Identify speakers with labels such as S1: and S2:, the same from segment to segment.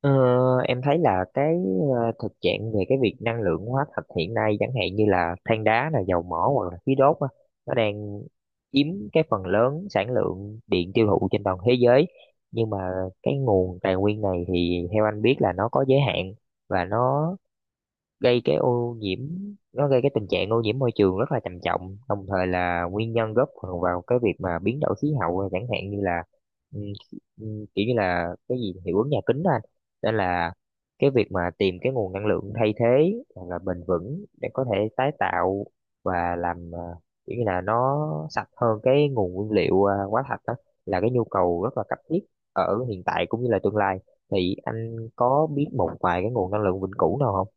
S1: Ờ, em thấy là cái thực trạng về cái việc năng lượng hóa thạch hiện nay, chẳng hạn như là than đá, là dầu mỏ hoặc là khí đốt á, nó đang chiếm cái phần lớn sản lượng điện tiêu thụ trên toàn thế giới. Nhưng mà cái nguồn tài nguyên này thì theo anh biết là nó có giới hạn, và nó gây cái ô nhiễm, nó gây cái tình trạng ô nhiễm môi trường rất là trầm trọng, đồng thời là nguyên nhân góp phần vào cái việc mà biến đổi khí hậu, chẳng hạn như là ừ, kiểu như là cái gì hiệu ứng nhà kính đó anh. Nên là cái việc mà tìm cái nguồn năng lượng thay thế hoặc là bền vững để có thể tái tạo và làm kiểu như là nó sạch hơn cái nguồn nguyên liệu hóa thạch đó là cái nhu cầu rất là cấp thiết ở hiện tại cũng như là tương lai. Thì anh có biết một vài cái nguồn năng lượng vĩnh cửu nào không?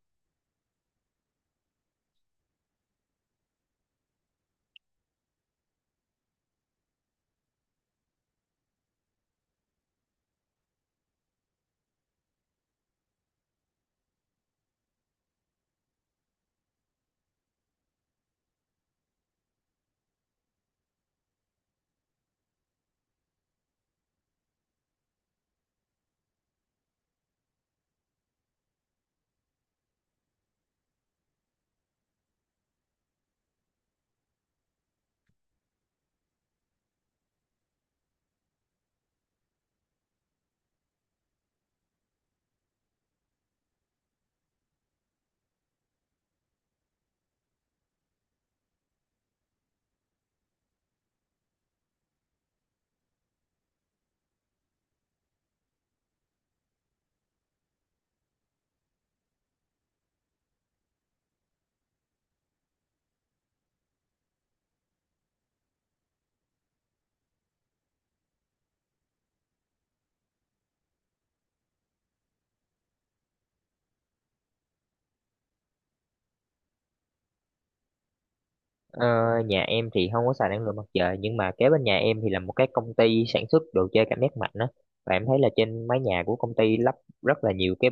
S1: Ờ, Nhà em thì không có xài năng lượng mặt trời, nhưng mà kế bên nhà em thì là một cái công ty sản xuất đồ chơi cảm giác mạnh đó, và em thấy là trên mái nhà của công ty lắp rất là nhiều cái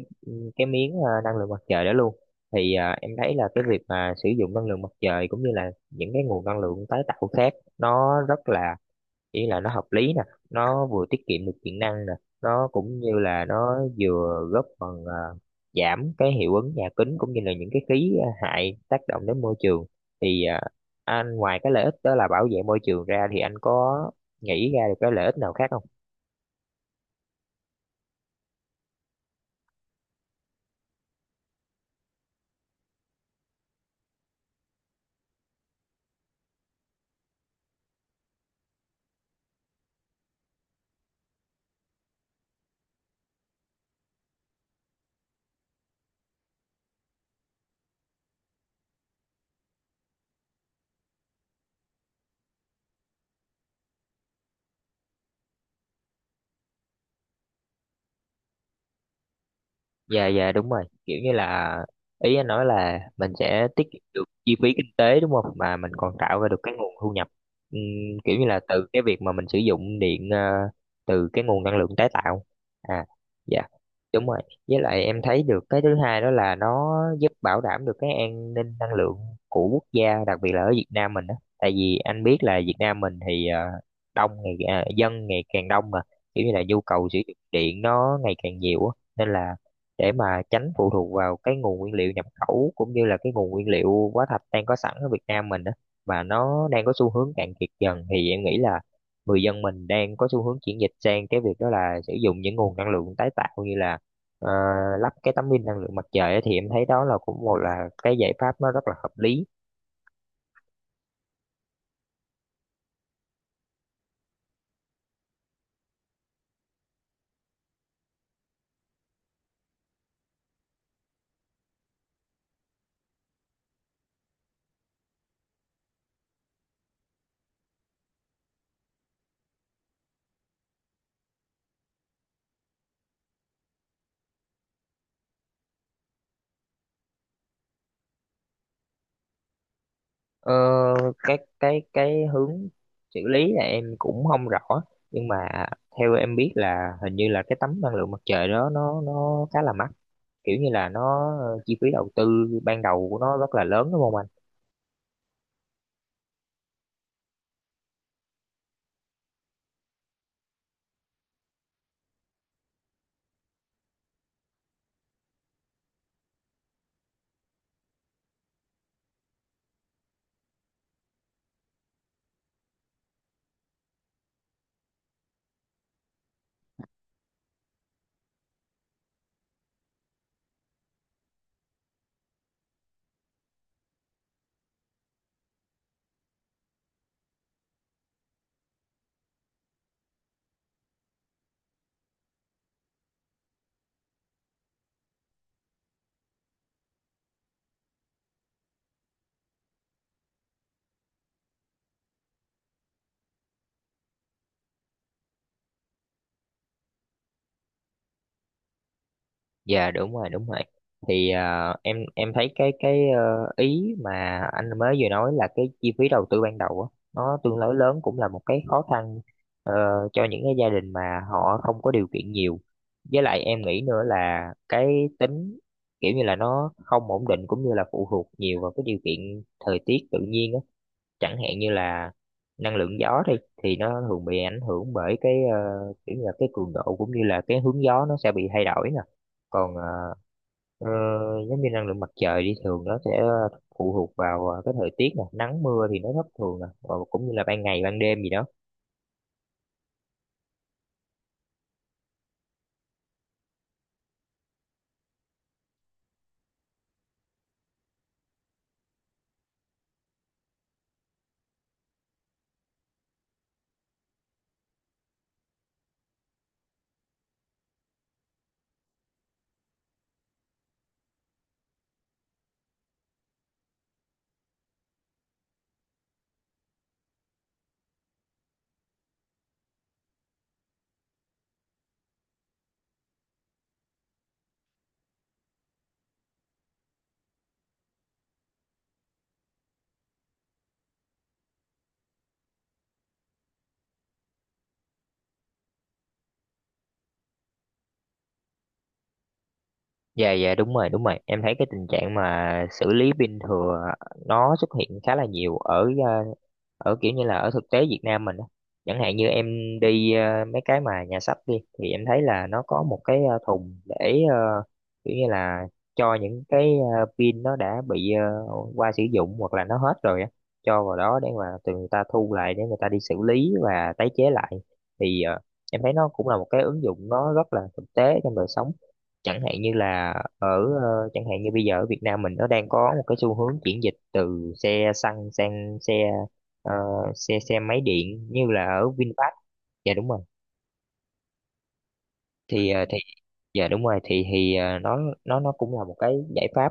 S1: miếng năng lượng mặt trời đó luôn. Thì em thấy là cái việc mà sử dụng năng lượng mặt trời cũng như là những cái nguồn năng lượng tái tạo khác, nó rất là, ý là nó hợp lý nè, nó vừa tiết kiệm được điện năng nè, nó cũng như là nó vừa góp phần giảm cái hiệu ứng nhà kính cũng như là những cái khí hại tác động đến môi trường. Thì anh ngoài cái lợi ích đó là bảo vệ môi trường ra thì anh có nghĩ ra được cái lợi ích nào khác không? Dạ, dạ, đúng rồi, kiểu như là ý anh nói là mình sẽ tiết kiệm được chi phí kinh tế đúng không, mà mình còn tạo ra được cái nguồn thu nhập. Kiểu như là từ cái việc mà mình sử dụng điện, từ cái nguồn năng lượng tái tạo. À, dạ, đúng rồi. Với lại em thấy được cái thứ hai đó là nó giúp bảo đảm được cái an ninh năng lượng của quốc gia, đặc biệt là ở Việt Nam mình đó. Tại vì anh biết là Việt Nam mình thì đông ngày dân ngày càng đông mà, kiểu như là nhu cầu sử dụng điện nó ngày càng nhiều á. Nên là để mà tránh phụ thuộc vào cái nguồn nguyên liệu nhập khẩu cũng như là cái nguồn nguyên liệu hóa thạch đang có sẵn ở Việt Nam mình á, mà nó đang có xu hướng cạn kiệt dần, thì em nghĩ là người dân mình đang có xu hướng chuyển dịch sang cái việc đó là sử dụng những nguồn năng lượng tái tạo, như là ờ, lắp cái tấm pin năng lượng mặt trời á, thì em thấy đó là cũng một là cái giải pháp nó rất là hợp lý. Ờ, cái hướng xử lý là em cũng không rõ, nhưng mà theo em biết là hình như là cái tấm năng lượng mặt trời đó nó khá là mắc, kiểu như là nó chi phí đầu tư ban đầu của nó rất là lớn đúng không anh? Dạ đúng rồi, thì em thấy cái ý mà anh mới vừa nói là cái chi phí đầu tư ban đầu á, nó tương đối lớn, cũng là một cái khó khăn ờ, cho những cái gia đình mà họ không có điều kiện nhiều. Với lại em nghĩ nữa là cái tính, kiểu như là nó không ổn định cũng như là phụ thuộc nhiều vào cái điều kiện thời tiết tự nhiên á. Chẳng hạn như là năng lượng gió đi, thì nó thường bị ảnh hưởng bởi cái kiểu như là cái cường độ cũng như là cái hướng gió nó sẽ bị thay đổi nè. Còn ờ, giống như năng lượng mặt trời đi, thường nó sẽ phụ thuộc vào cái thời tiết nè, nắng mưa thì nó thất thường nè, và cũng như là ban ngày ban đêm gì đó. Dạ dạ đúng rồi, đúng rồi, em thấy cái tình trạng mà xử lý pin thừa nó xuất hiện khá là nhiều ở ở kiểu như là ở thực tế Việt Nam mình á. Chẳng hạn như em đi mấy cái mà nhà sách đi, thì em thấy là nó có một cái thùng để kiểu như là cho những cái pin nó đã bị qua sử dụng hoặc là nó hết rồi á, cho vào đó để mà từ người ta thu lại để người ta đi xử lý và tái chế lại. Thì em thấy nó cũng là một cái ứng dụng nó rất là thực tế trong đời sống. Chẳng hạn như là ở chẳng hạn như bây giờ ở Việt Nam mình nó đang có một cái xu hướng chuyển dịch từ xe xăng sang xe ờ, xe xe máy điện như là ở VinFast. Dạ đúng rồi, thì thì dạ đúng rồi, thì nó nó cũng là một cái giải pháp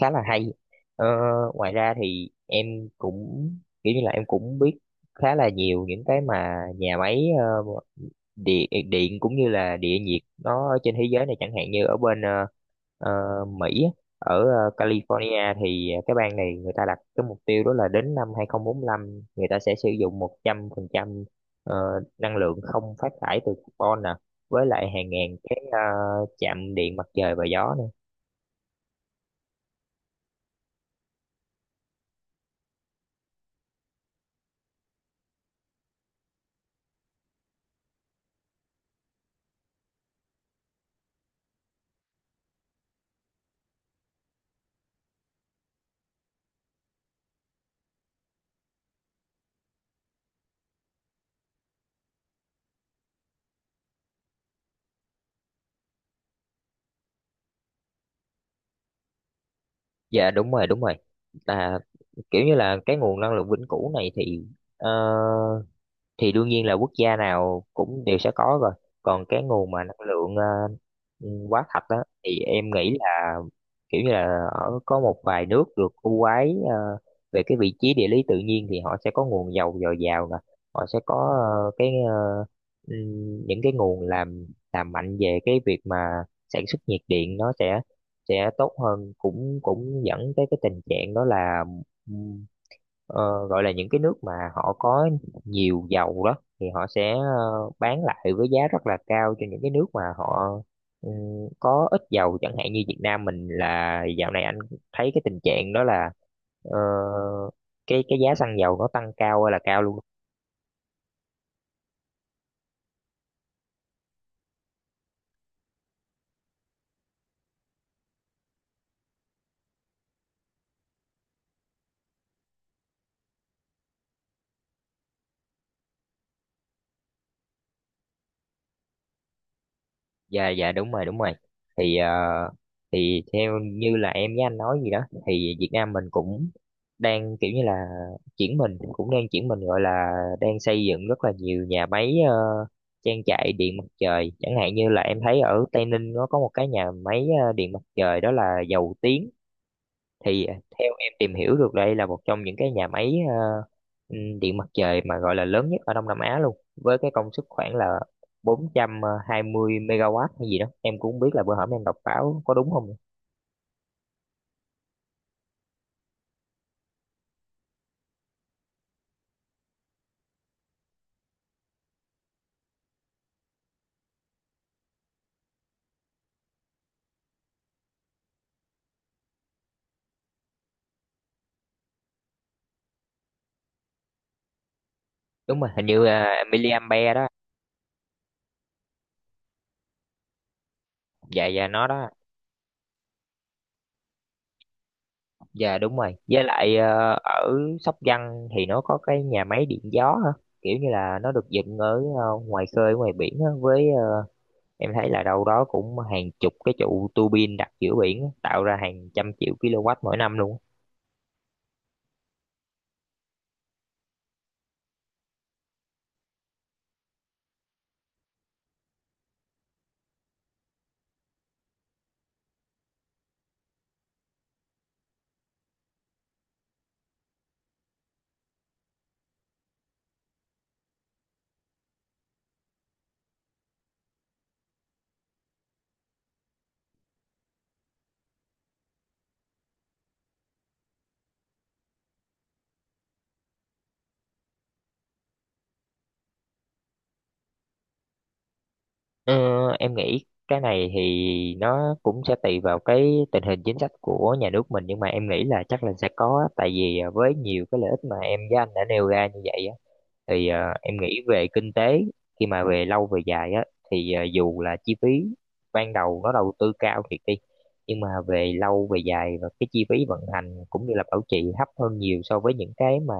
S1: khá là hay. Ờ, ngoài ra thì em cũng, kiểu như là em cũng biết khá là nhiều những cái mà nhà máy địa điện cũng như là địa nhiệt nó ở trên thế giới này, chẳng hạn như ở bên ờ, Mỹ á, ở California, thì cái bang này người ta đặt cái mục tiêu đó là đến năm 2045 người ta sẽ sử dụng 100% ờ, năng lượng không phát thải từ carbon nè, với lại hàng ngàn cái chạm điện mặt trời và gió nữa. Dạ đúng rồi, đúng rồi. Là kiểu như là cái nguồn năng lượng vĩnh cửu này thì ờ, thì đương nhiên là quốc gia nào cũng đều sẽ có rồi. Còn cái nguồn mà năng lượng ừ, quá thật đó thì em nghĩ là kiểu như là ở có một vài nước được ưu ái về cái vị trí địa lý tự nhiên, thì họ sẽ có nguồn dầu dồi dào nè, họ sẽ có ờ, cái ờ, những cái nguồn làm, mạnh về cái việc mà sản xuất nhiệt điện, nó sẽ tốt hơn, cũng cũng dẫn tới cái tình trạng đó là ừm, gọi là những cái nước mà họ có nhiều dầu đó, thì họ sẽ bán lại với giá rất là cao cho những cái nước mà họ, ừ, có ít dầu, chẳng hạn như Việt Nam mình, là dạo này anh thấy cái tình trạng đó là ờ, cái giá xăng dầu nó tăng cao ơi là cao luôn. Dạ dạ đúng rồi, đúng rồi, thì thì theo như là em với anh nói gì đó, thì Việt Nam mình cũng đang kiểu như là chuyển mình, cũng đang chuyển mình, gọi là đang xây dựng rất là nhiều nhà máy, trang trại điện mặt trời. Chẳng hạn như là em thấy ở Tây Ninh, nó có một cái nhà máy điện mặt trời đó là Dầu Tiếng, thì theo em tìm hiểu được, đây là một trong những cái nhà máy điện mặt trời mà gọi là lớn nhất ở Đông Nam Á luôn, với cái công suất khoảng là 420 megawatt hay gì đó, em cũng không biết là bữa hổm em đọc báo có đúng không. Đúng rồi, hình như là miliampere đó. Dạ dạ, nó đó. Dạ đúng rồi, với lại ở Sóc Trăng thì nó có cái nhà máy điện gió hả, kiểu như là nó được dựng ở ngoài khơi ngoài biển á, với em thấy là đâu đó cũng hàng chục cái trụ tua bin đặt giữa biển á, tạo ra hàng trăm triệu kW mỗi năm luôn. Ờ, em nghĩ cái này thì nó cũng sẽ tùy vào cái tình hình chính sách của nhà nước mình, nhưng mà em nghĩ là chắc là sẽ có á. Tại vì với nhiều cái lợi ích mà em với anh đã nêu ra như vậy á, thì em nghĩ về kinh tế, khi mà về lâu về dài á, thì dù là chi phí ban đầu nó đầu tư cao thiệt đi, nhưng mà về lâu về dài và cái chi phí vận hành cũng như là bảo trì thấp hơn nhiều so với những cái mà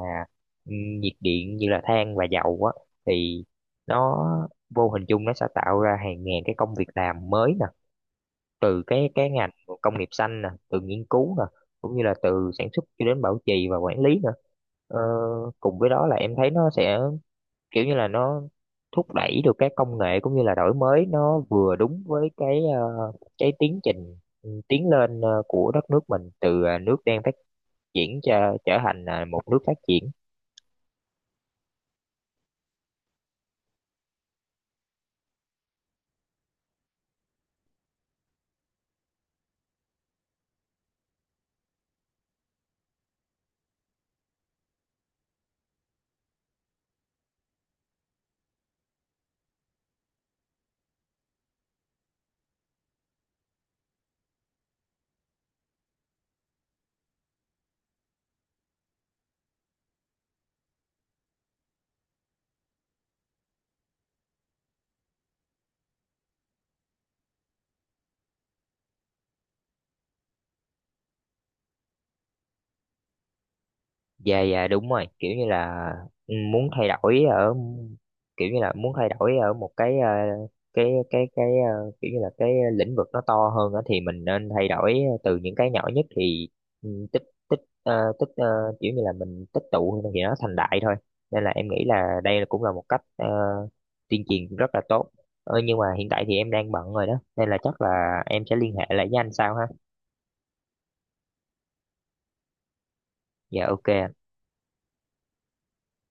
S1: nhiệt điện như là than và dầu á, thì nó vô hình chung nó sẽ tạo ra hàng ngàn cái công việc làm mới nè, từ cái ngành công nghiệp xanh nè, từ nghiên cứu nè, cũng như là từ sản xuất cho đến bảo trì và quản lý nữa. Ờ, cùng với đó là em thấy nó sẽ, kiểu như là nó thúc đẩy được cái công nghệ cũng như là đổi mới, nó vừa đúng với cái cái tiến trình, ừ, tiến lên của đất nước mình, từ nước đang phát triển cho trở thành một nước phát triển. Dạ dạ đúng rồi, kiểu như là, ừ, muốn thay đổi ở, kiểu như là muốn thay đổi ở một cái kiểu như là cái lĩnh vực nó to hơn á, thì mình nên thay đổi từ những cái nhỏ nhất, thì ừ, tích tích ờ, kiểu như là mình tích tụ thì nó thành đại thôi. Nên là em nghĩ là đây là cũng là một cách tuyên truyền rất là tốt. Ờ, nhưng mà hiện tại thì em đang bận rồi đó, nên là chắc là em sẽ liên hệ lại với anh sau ha. Dạ ok ạ.